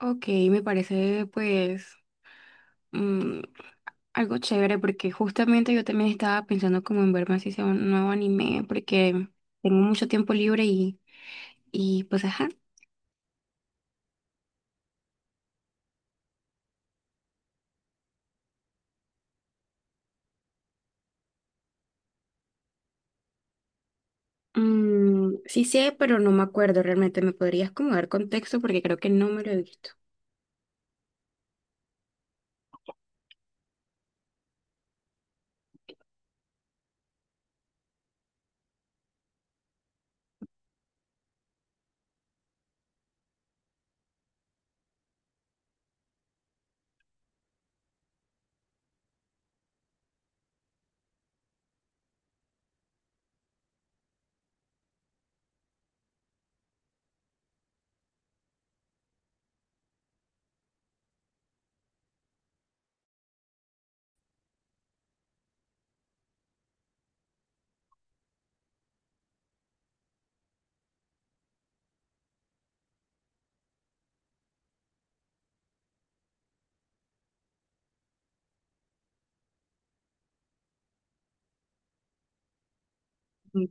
Ok, me parece pues mm, algo chévere porque justamente yo también estaba pensando como en verme así sea un nuevo anime porque tengo mucho tiempo libre y pues ajá. Mm, sí sé, pero no me acuerdo realmente. ¿Me podrías como dar contexto? Porque creo que no me lo he visto. Mm,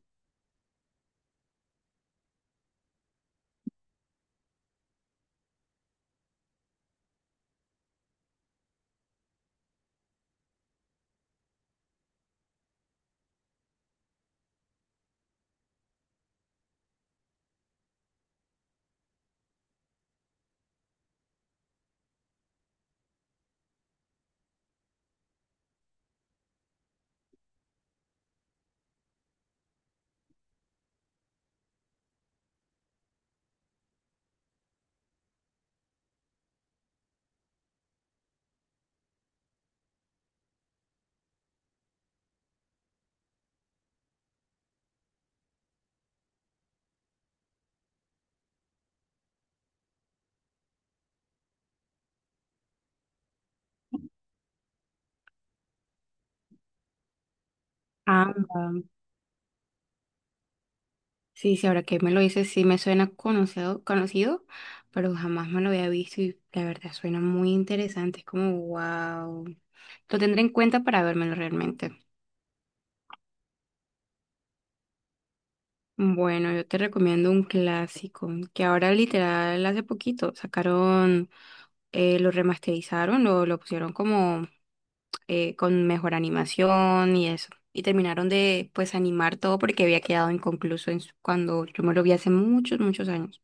ah, mm, sí, sí, ahora que me lo dices, sí me suena conocido, pero jamás me lo había visto y la verdad suena muy interesante. Es como, wow. Lo tendré en cuenta para vérmelo realmente. Bueno, yo te recomiendo un clásico que ahora literal hace poquito sacaron, lo remasterizaron, lo pusieron como con mejor animación y eso. Y terminaron de pues animar todo porque había quedado inconcluso en cuando yo me lo vi hace muchos, muchos años.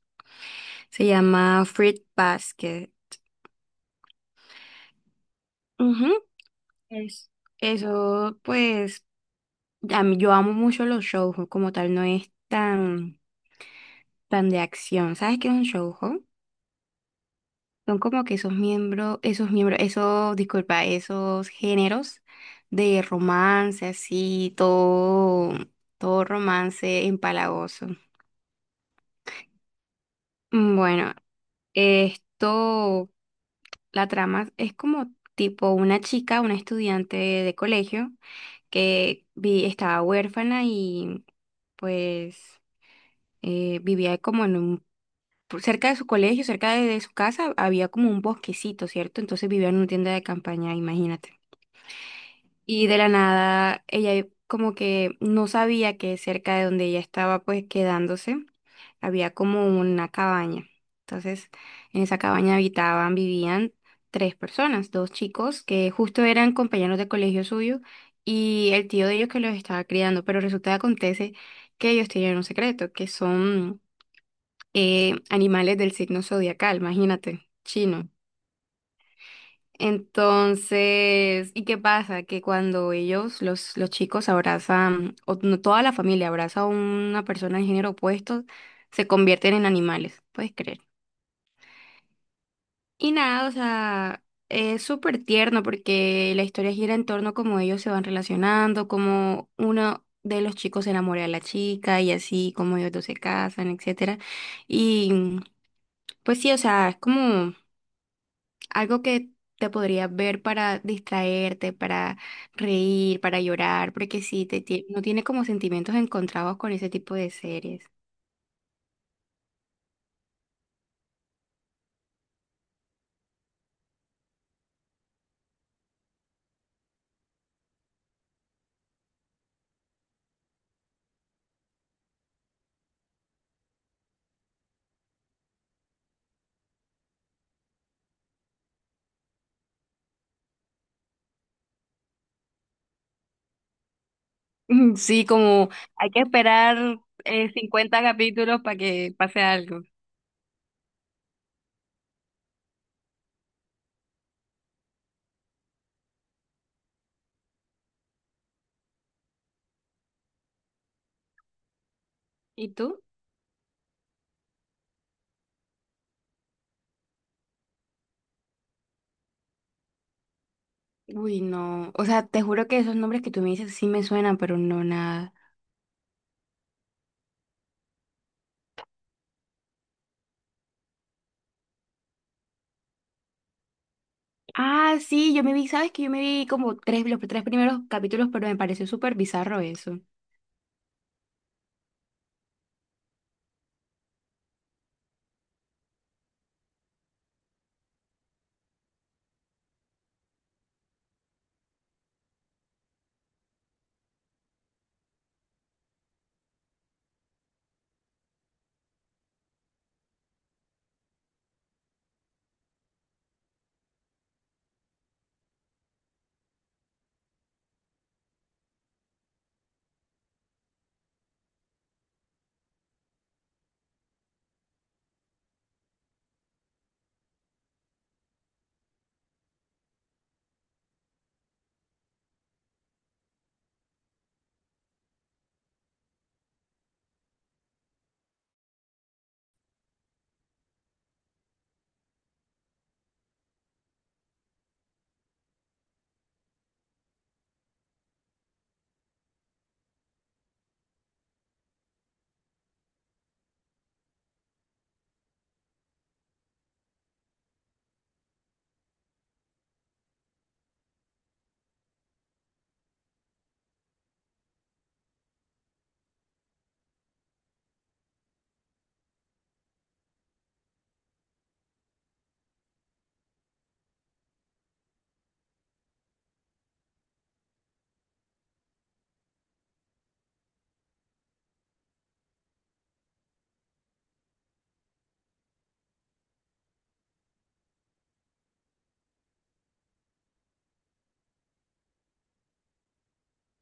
Se llama Fruit Basket. Ujú, es- eso pues yo amo mucho los shoujo, como tal no es tan de acción. ¿Sabes qué es un shoujo? Son como que esos miembros, disculpa, esos géneros de romance, así, todo romance empalagoso. Mm, bueno, esto, la trama es como tipo una chica, una estudiante de colegio que estaba huérfana y pues vivía como en un, por cerca de su colegio, cerca de su casa, había como un bosquecito, ¿cierto? Entonces vivía en una tienda de campaña, imagínate. Y de la nada ella como que no sabía que cerca de donde ella estaba pues quedándose había como una cabaña. Entonces, en esa cabaña habitaban, vivían tres personas, dos chicos que justo eran compañeros de colegio suyo y el tío de ellos que los estaba criando, pero resulta que acontece que ellos tienen un secreto, que son animales del signo zodiacal, imagínate, chino. Entonces, ¿y qué pasa? Que cuando ellos, los chicos abrazan, o no, toda la familia abraza a una persona de género opuesto, se convierten en animales, ¿puedes creer? Y nada, o sea, es súper tierno porque la historia gira en torno a cómo ellos se van relacionando, cómo uno de los chicos se enamora de la chica y así, cómo ellos dos se casan, etcétera. Y pues sí, o sea, es como algo que te podrías ver para distraerte, para reír, para llorar, porque sí te, no tiene como sentimientos encontrados con ese tipo de series. Mm, sí, como hay que esperar 50 capítulos para que pase algo. ¿Y tú? Uy, no. O sea, te juro que esos nombres que tú me dices sí me suenan, pero no nada. Ah, sí, yo me vi, sabes que yo me vi como tres, los tres primeros capítulos, pero me pareció súper bizarro eso.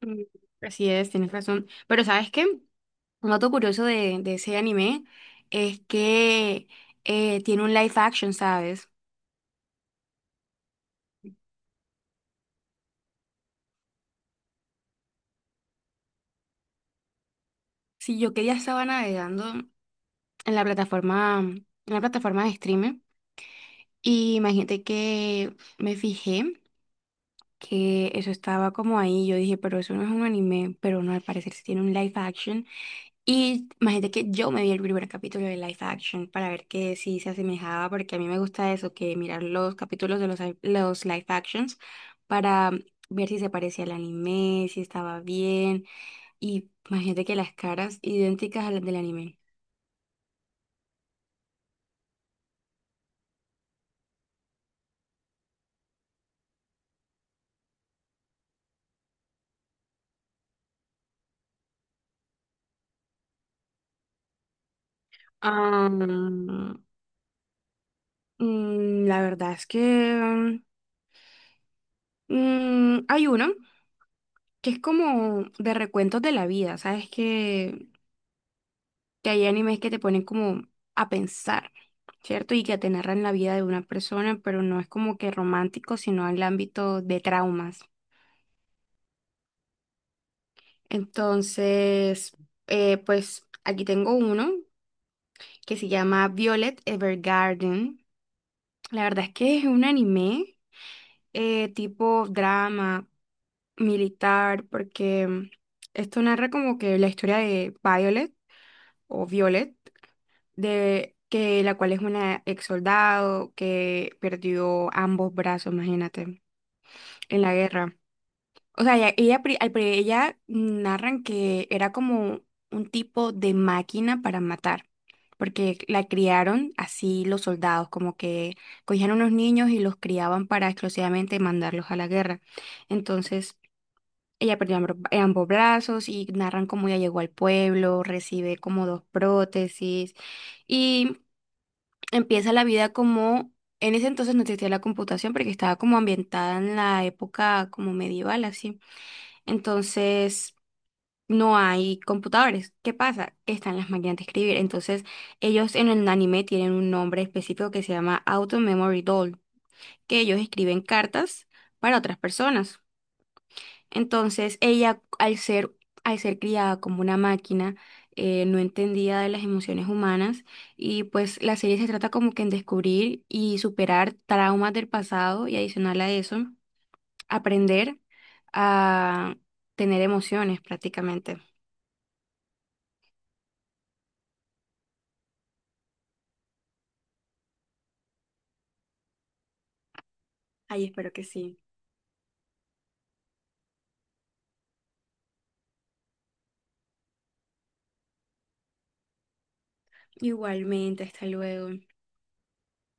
Mm, así es, tienes razón. Pero ¿sabes qué? Un dato curioso de ese anime es que tiene un live action, ¿sabes? Si yo que ya estaba navegando en la plataforma de streaming, y imagínate que me fijé que eso estaba como ahí. Yo dije, pero eso no es un anime, pero no, al parecer sí tiene un live action. Y imagínate que yo me vi el primer capítulo de Life Action para ver que si se asemejaba, porque a mí me gusta eso, que mirar los capítulos de los, los Life Actions para ver si se parecía al anime, si estaba bien. Y imagínate que las caras idénticas a las del anime. Ah, mm, la verdad es que mm, hay uno que es como de recuentos de la vida, ¿sabes? Que hay animes que te ponen como a pensar, ¿cierto? Y que te narran la vida de una persona, pero no es como que romántico, sino en el ámbito de traumas. Entonces, pues aquí tengo uno que se llama Violet Evergarden. La verdad es que es un anime tipo drama militar, porque esto narra como que la historia de Violet o Violet de que la cual es una ex soldado que perdió ambos brazos, imagínate, en la guerra. O sea, ella, ella narran que era como un tipo de máquina para matar, porque la criaron así los soldados, como que cogían unos niños y los criaban para exclusivamente mandarlos a la guerra. Entonces, ella perdió ambos brazos y narran cómo ella llegó al pueblo, recibe como dos prótesis, y empieza la vida como, en ese entonces no existía la computación porque estaba como ambientada en la época como medieval, así. Entonces, no hay computadores. ¿Qué pasa? Que están las máquinas de escribir. Entonces, ellos en el anime tienen un nombre específico que se llama Auto Memory Doll, que ellos escriben cartas para otras personas. Entonces ella, al ser criada como una máquina, no entendía de las emociones humanas y pues la serie se trata como que en descubrir y superar traumas del pasado y adicional a eso, aprender a tener emociones prácticamente. Ay, espero que sí. Igualmente, hasta luego.